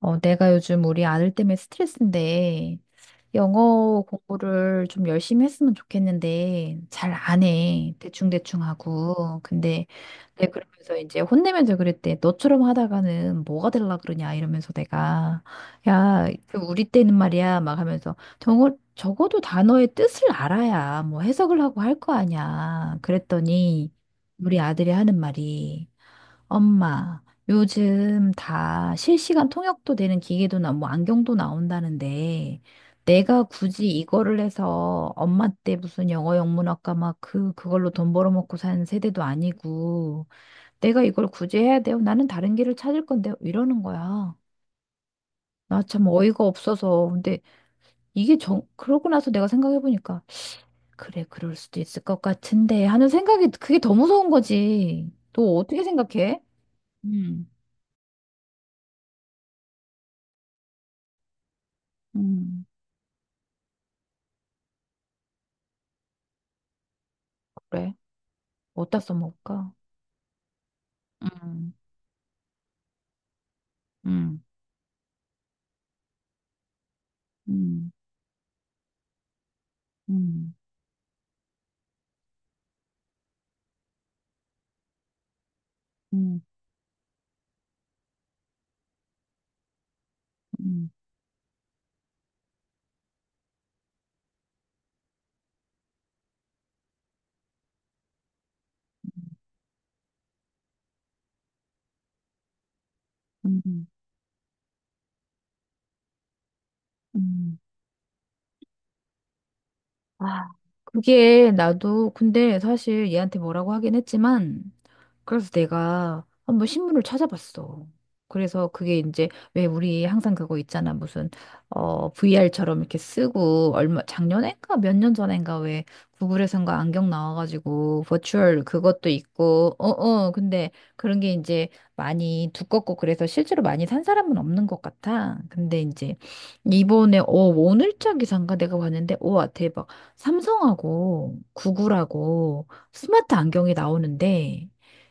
내가 요즘 우리 아들 때문에 스트레스인데, 영어 공부를 좀 열심히 했으면 좋겠는데, 잘 안 해. 대충대충 하고. 근데, 내가 그러면서 이제 혼내면서 그랬대. 너처럼 하다가는 뭐가 될라 그러냐, 이러면서 내가. 야, 그 우리 때는 말이야, 막 하면서. 적어도 단어의 뜻을 알아야 뭐 해석을 하고 할 거 아니야. 그랬더니, 우리 아들이 하는 말이, 엄마, 요즘 다 실시간 통역도 되는 기계도 나오고 안경도 나온다는데 내가 굳이 이거를 해서 엄마 때 무슨 영어 영문학과 막 그 그걸로 돈 벌어먹고 산 세대도 아니고 내가 이걸 굳이 해야 돼요? 나는 다른 길을 찾을 건데 이러는 거야. 나 참 어이가 없어서 근데 이게 정 그러고 나서 내가 생각해 보니까 그래 그럴 수도 있을 것 같은데 하는 생각이 그게 더 무서운 거지. 너 어떻게 생각해? 음, 음. 그래. 어디다 써먹을까? 음, 음, 음, 음, 음, 음, 음, 음. 음. 아, 그게 나도 근데 사실 얘한테 뭐라고 하긴 했지만 그래서 내가 한번 신문을 찾아봤어. 그래서 그게 이제 왜 우리 항상 그거 있잖아. 무슨 VR처럼 이렇게 쓰고 얼마 작년인가 몇 년 전인가 왜 구글에선가 안경 나와가지고 버추얼 그것도 있고 어어 근데 그런 게 이제 많이 두껍고 그래서 실제로 많이 산 사람은 없는 것 같아. 근데 이제 이번에 오늘자 기사인가 내가 봤는데 우와 대박 삼성하고 구글하고 스마트 안경이 나오는데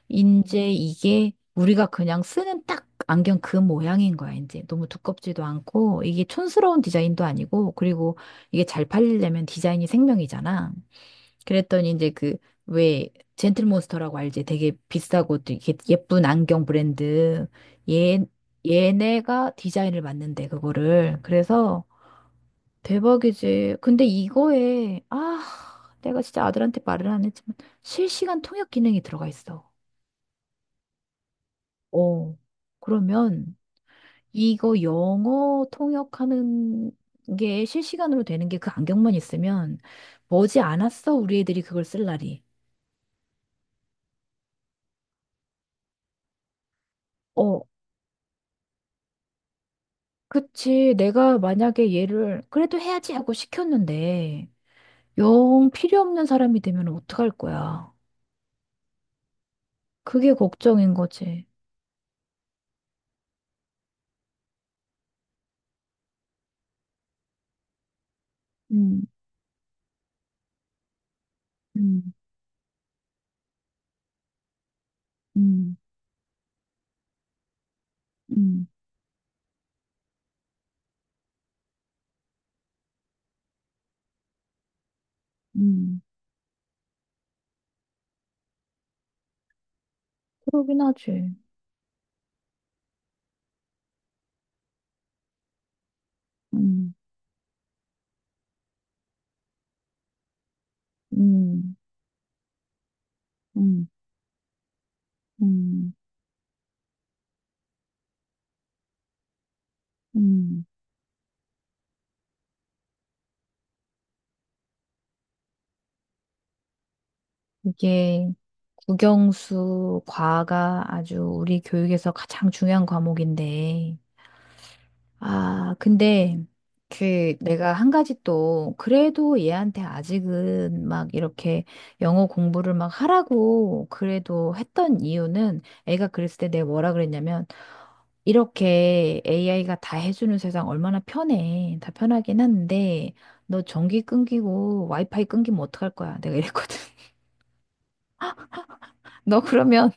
이제 이게 우리가 그냥 쓰는 딱 안경 그 모양인 거야, 이제. 너무 두껍지도 않고, 이게 촌스러운 디자인도 아니고, 그리고 이게 잘 팔리려면 디자인이 생명이잖아. 그랬더니 이제 그, 왜, 젠틀몬스터라고 알지? 되게 비싸고 또 이게 예쁜 안경 브랜드. 얘, 얘네가 디자인을 맡는데, 그거를. 그래서 대박이지. 근데 이거에, 아, 내가 진짜 아들한테 말을 안 했지만, 실시간 통역 기능이 들어가 있어. 어, 그러면 이거 영어 통역하는 게 실시간으로 되는 게 그 안경만 있으면 머지 않았어, 우리 애들이 그걸 쓸 날이. 어, 그치. 내가 만약에 얘를 그래도 해야지 하고 시켰는데 영 필요 없는 사람이 되면 어떡할 거야. 그게 걱정인 거지. 음, 음, 음, 음, 음, 그러긴 하지. 음, 음, 음, 음, 음. 이게 국영수 과가 아주 우리 교육에서 가장 중요한 과목인데, 아, 근데 그 내가 한 가지 또 그래도 얘한테 아직은 막 이렇게 영어 공부를 막 하라고 그래도 했던 이유는 애가 그랬을 때 내가 뭐라 그랬냐면 이렇게 AI가 다 해주는 세상 얼마나 편해. 다 편하긴 한데 너 전기 끊기고 와이파이 끊기면 어떡할 거야? 내가 이랬거든. 너 그러면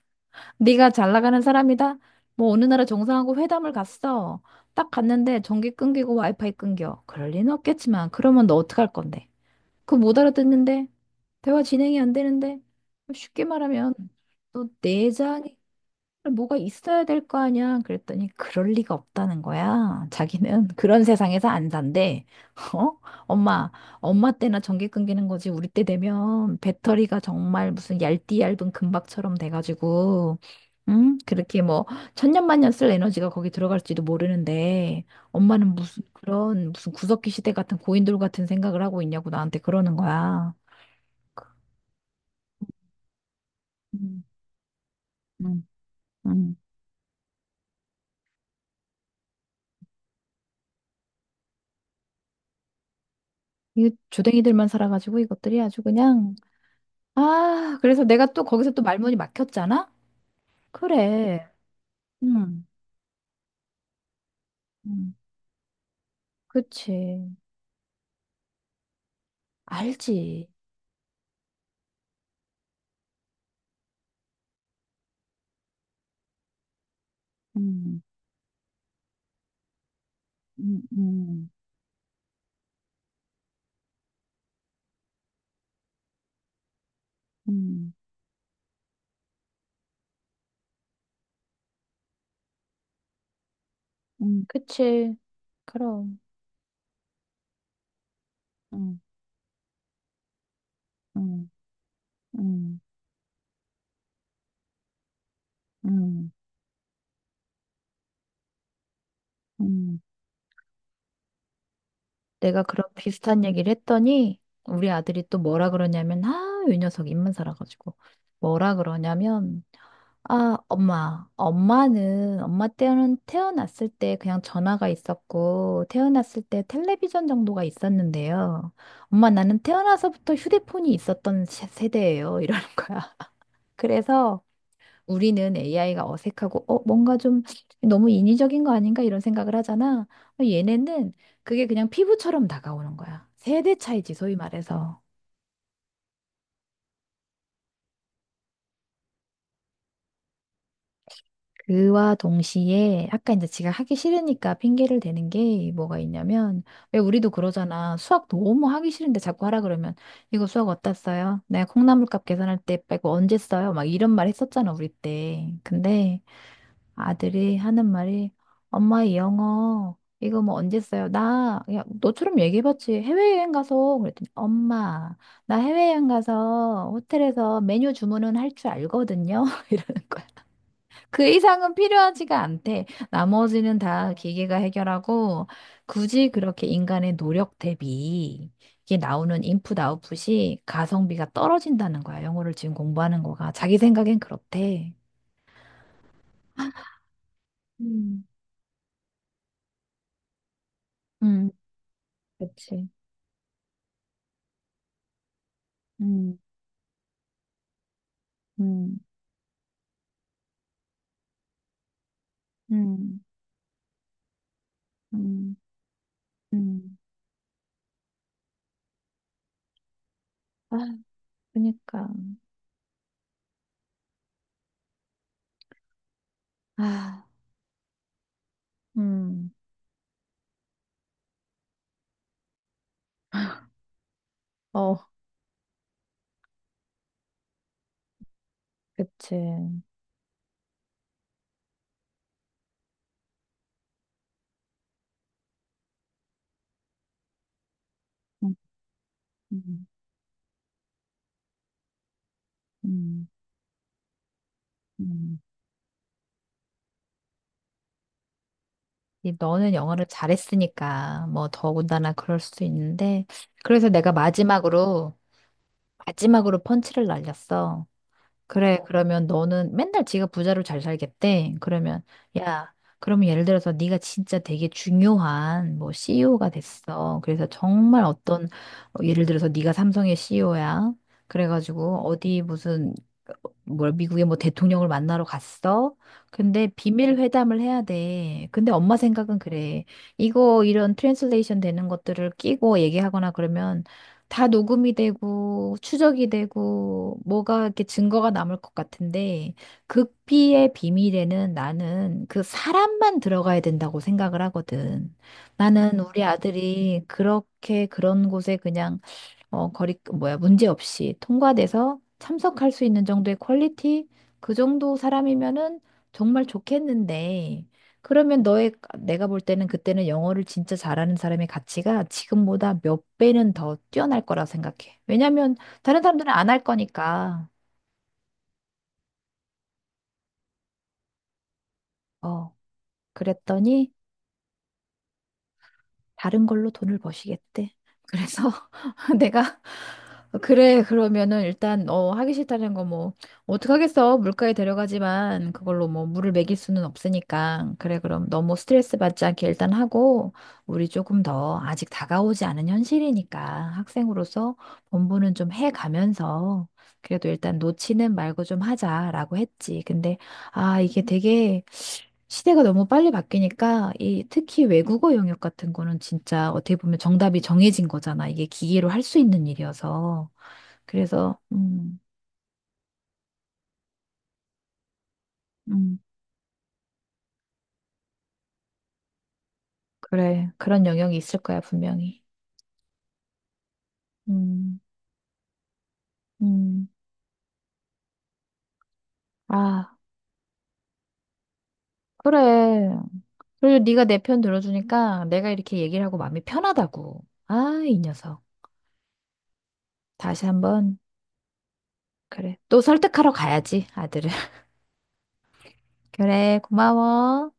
네가 잘 나가는 사람이다? 뭐 어느 나라 정상하고 회담을 갔어. 딱 갔는데 전기 끊기고 와이파이 끊겨. 그럴 리는 없겠지만 그러면 너 어떡할 건데? 그거 못 알아듣는데? 대화 진행이 안 되는데? 쉽게 말하면 너 내장이 뭐가 있어야 될 거 아니야? 그랬더니 그럴 리가 없다는 거야. 자기는 그런 세상에서 안 산대. 어? 엄마, 엄마 때나 전기 끊기는 거지. 우리 때 되면 배터리가 정말 무슨 얇디얇은 금박처럼 돼가지고, 응? 그렇게 뭐 천년만년 쓸 에너지가 거기 들어갈지도 모르는데, 엄마는 무슨 그런 무슨 구석기 시대 같은 고인돌 같은 생각을 하고 있냐고 나한테 그러는 거야. 음, 음, 음. 이 조댕이들만 살아가지고 이것들이 아주 그냥. 아, 그래서 내가 또 거기서 또 말문이 막혔잖아? 그래. 응, 응. 그치. 알지. 응, 응, 응, 응, 응. 그치. 그럼. 응, 응, 응, 응, 응. 내가 그런 비슷한 얘기를 했더니 우리 아들이 또 뭐라 그러냐면, 아, 이 녀석 입만 살아가지고. 뭐라 그러냐면, 아, 엄마. 엄마는, 엄마 때는 태어났을 때 그냥 전화가 있었고, 태어났을 때 텔레비전 정도가 있었는데요. 엄마, 나는 태어나서부터 휴대폰이 있었던 세대예요. 이러는 거야. 그래서 우리는 AI가 어색하고, 뭔가 좀 너무 인위적인 거 아닌가 이런 생각을 하잖아. 어, 얘네는 그게 그냥 피부처럼 다가오는 거야. 세대 차이지, 소위 말해서. 그와 동시에 아까 이제 제가 하기 싫으니까 핑계를 대는 게 뭐가 있냐면 왜 우리도 그러잖아. 수학 너무 하기 싫은데 자꾸 하라 그러면 이거 수학 어디다 써요? 내가 콩나물값 계산할 때 빼고 언제 써요? 막 이런 말 했었잖아, 우리 때. 근데 아들이 하는 말이 엄마 이 영어 이거 뭐 언제 써요? 나 야, 너처럼 얘기해봤지. 해외여행 가서 그랬더니 엄마 나 해외여행 가서 호텔에서 메뉴 주문은 할 줄 알거든요. 이러는 거야. 그 이상은 필요하지가 않대. 나머지는 다 기계가 해결하고 굳이 그렇게 인간의 노력 대비 이게 나오는 인풋 아웃풋이 가성비가 떨어진다는 거야. 영어를 지금 공부하는 거가 자기 생각엔 그렇대. 음, 음. 그치. 음, 음, 음, 음, 음. 아, 그니까. 아, 음. 어, 그치. 음, 음. 음. 이 너는 영어를 잘했으니까 뭐 더군다나 그럴 수도 있는데 그래서 내가 마지막으로 펀치를 날렸어. 그래, 그러면 너는 맨날 지가 부자로 잘 살겠대. 그러면 야, 그러면 예를 들어서 네가 진짜 되게 중요한 뭐 CEO가 됐어. 그래서 정말 어떤 예를 들어서 네가 삼성의 CEO야. 그래가지고 어디 무슨 뭐야, 미국의 뭐 대통령을 만나러 갔어? 근데 비밀 회담을 해야 돼. 근데 엄마 생각은 그래. 이거 이런 트랜슬레이션 되는 것들을 끼고 얘기하거나 그러면 다 녹음이 되고 추적이 되고 뭐가 이렇게 증거가 남을 것 같은데 극비의 비밀에는 나는 그 사람만 들어가야 된다고 생각을 하거든. 나는 우리 아들이 그렇게 그런 곳에 그냥 거리, 뭐야, 문제 없이 통과돼서 참석할 수 있는 정도의 퀄리티? 그 정도 사람이면은 정말 좋겠는데, 그러면 너의, 내가 볼 때는 그때는 영어를 진짜 잘하는 사람의 가치가 지금보다 몇 배는 더 뛰어날 거라 생각해. 왜냐면 다른 사람들은 안 할 거니까. 어, 그랬더니 다른 걸로 돈을 버시겠대. 그래서 내가 그래 그러면은 일단 하기 싫다는 거 뭐 어떡하겠어 물가에 데려가지만 그걸로 뭐 물을 먹일 수는 없으니까 그래 그럼 너무 스트레스 받지 않게 일단 하고 우리 조금 더 아직 다가오지 않은 현실이니까 학생으로서 본부는 좀 해 가면서 그래도 일단 놓치는 말고 좀 하자라고 했지. 근데 아 이게 되게 시대가 너무 빨리 바뀌니까 이 특히 외국어 영역 같은 거는 진짜 어떻게 보면 정답이 정해진 거잖아. 이게 기계로 할 수 있는 일이어서. 그래서 음, 그래. 그런 영역이 있을 거야, 분명히. 음, 음. 아, 그래. 그리고 네가 내 편 들어주니까 내가 이렇게 얘기를 하고 마음이 편하다고. 아, 이 녀석. 다시 한번 그래. 또 설득하러 가야지, 아들을. 그래, 고마워.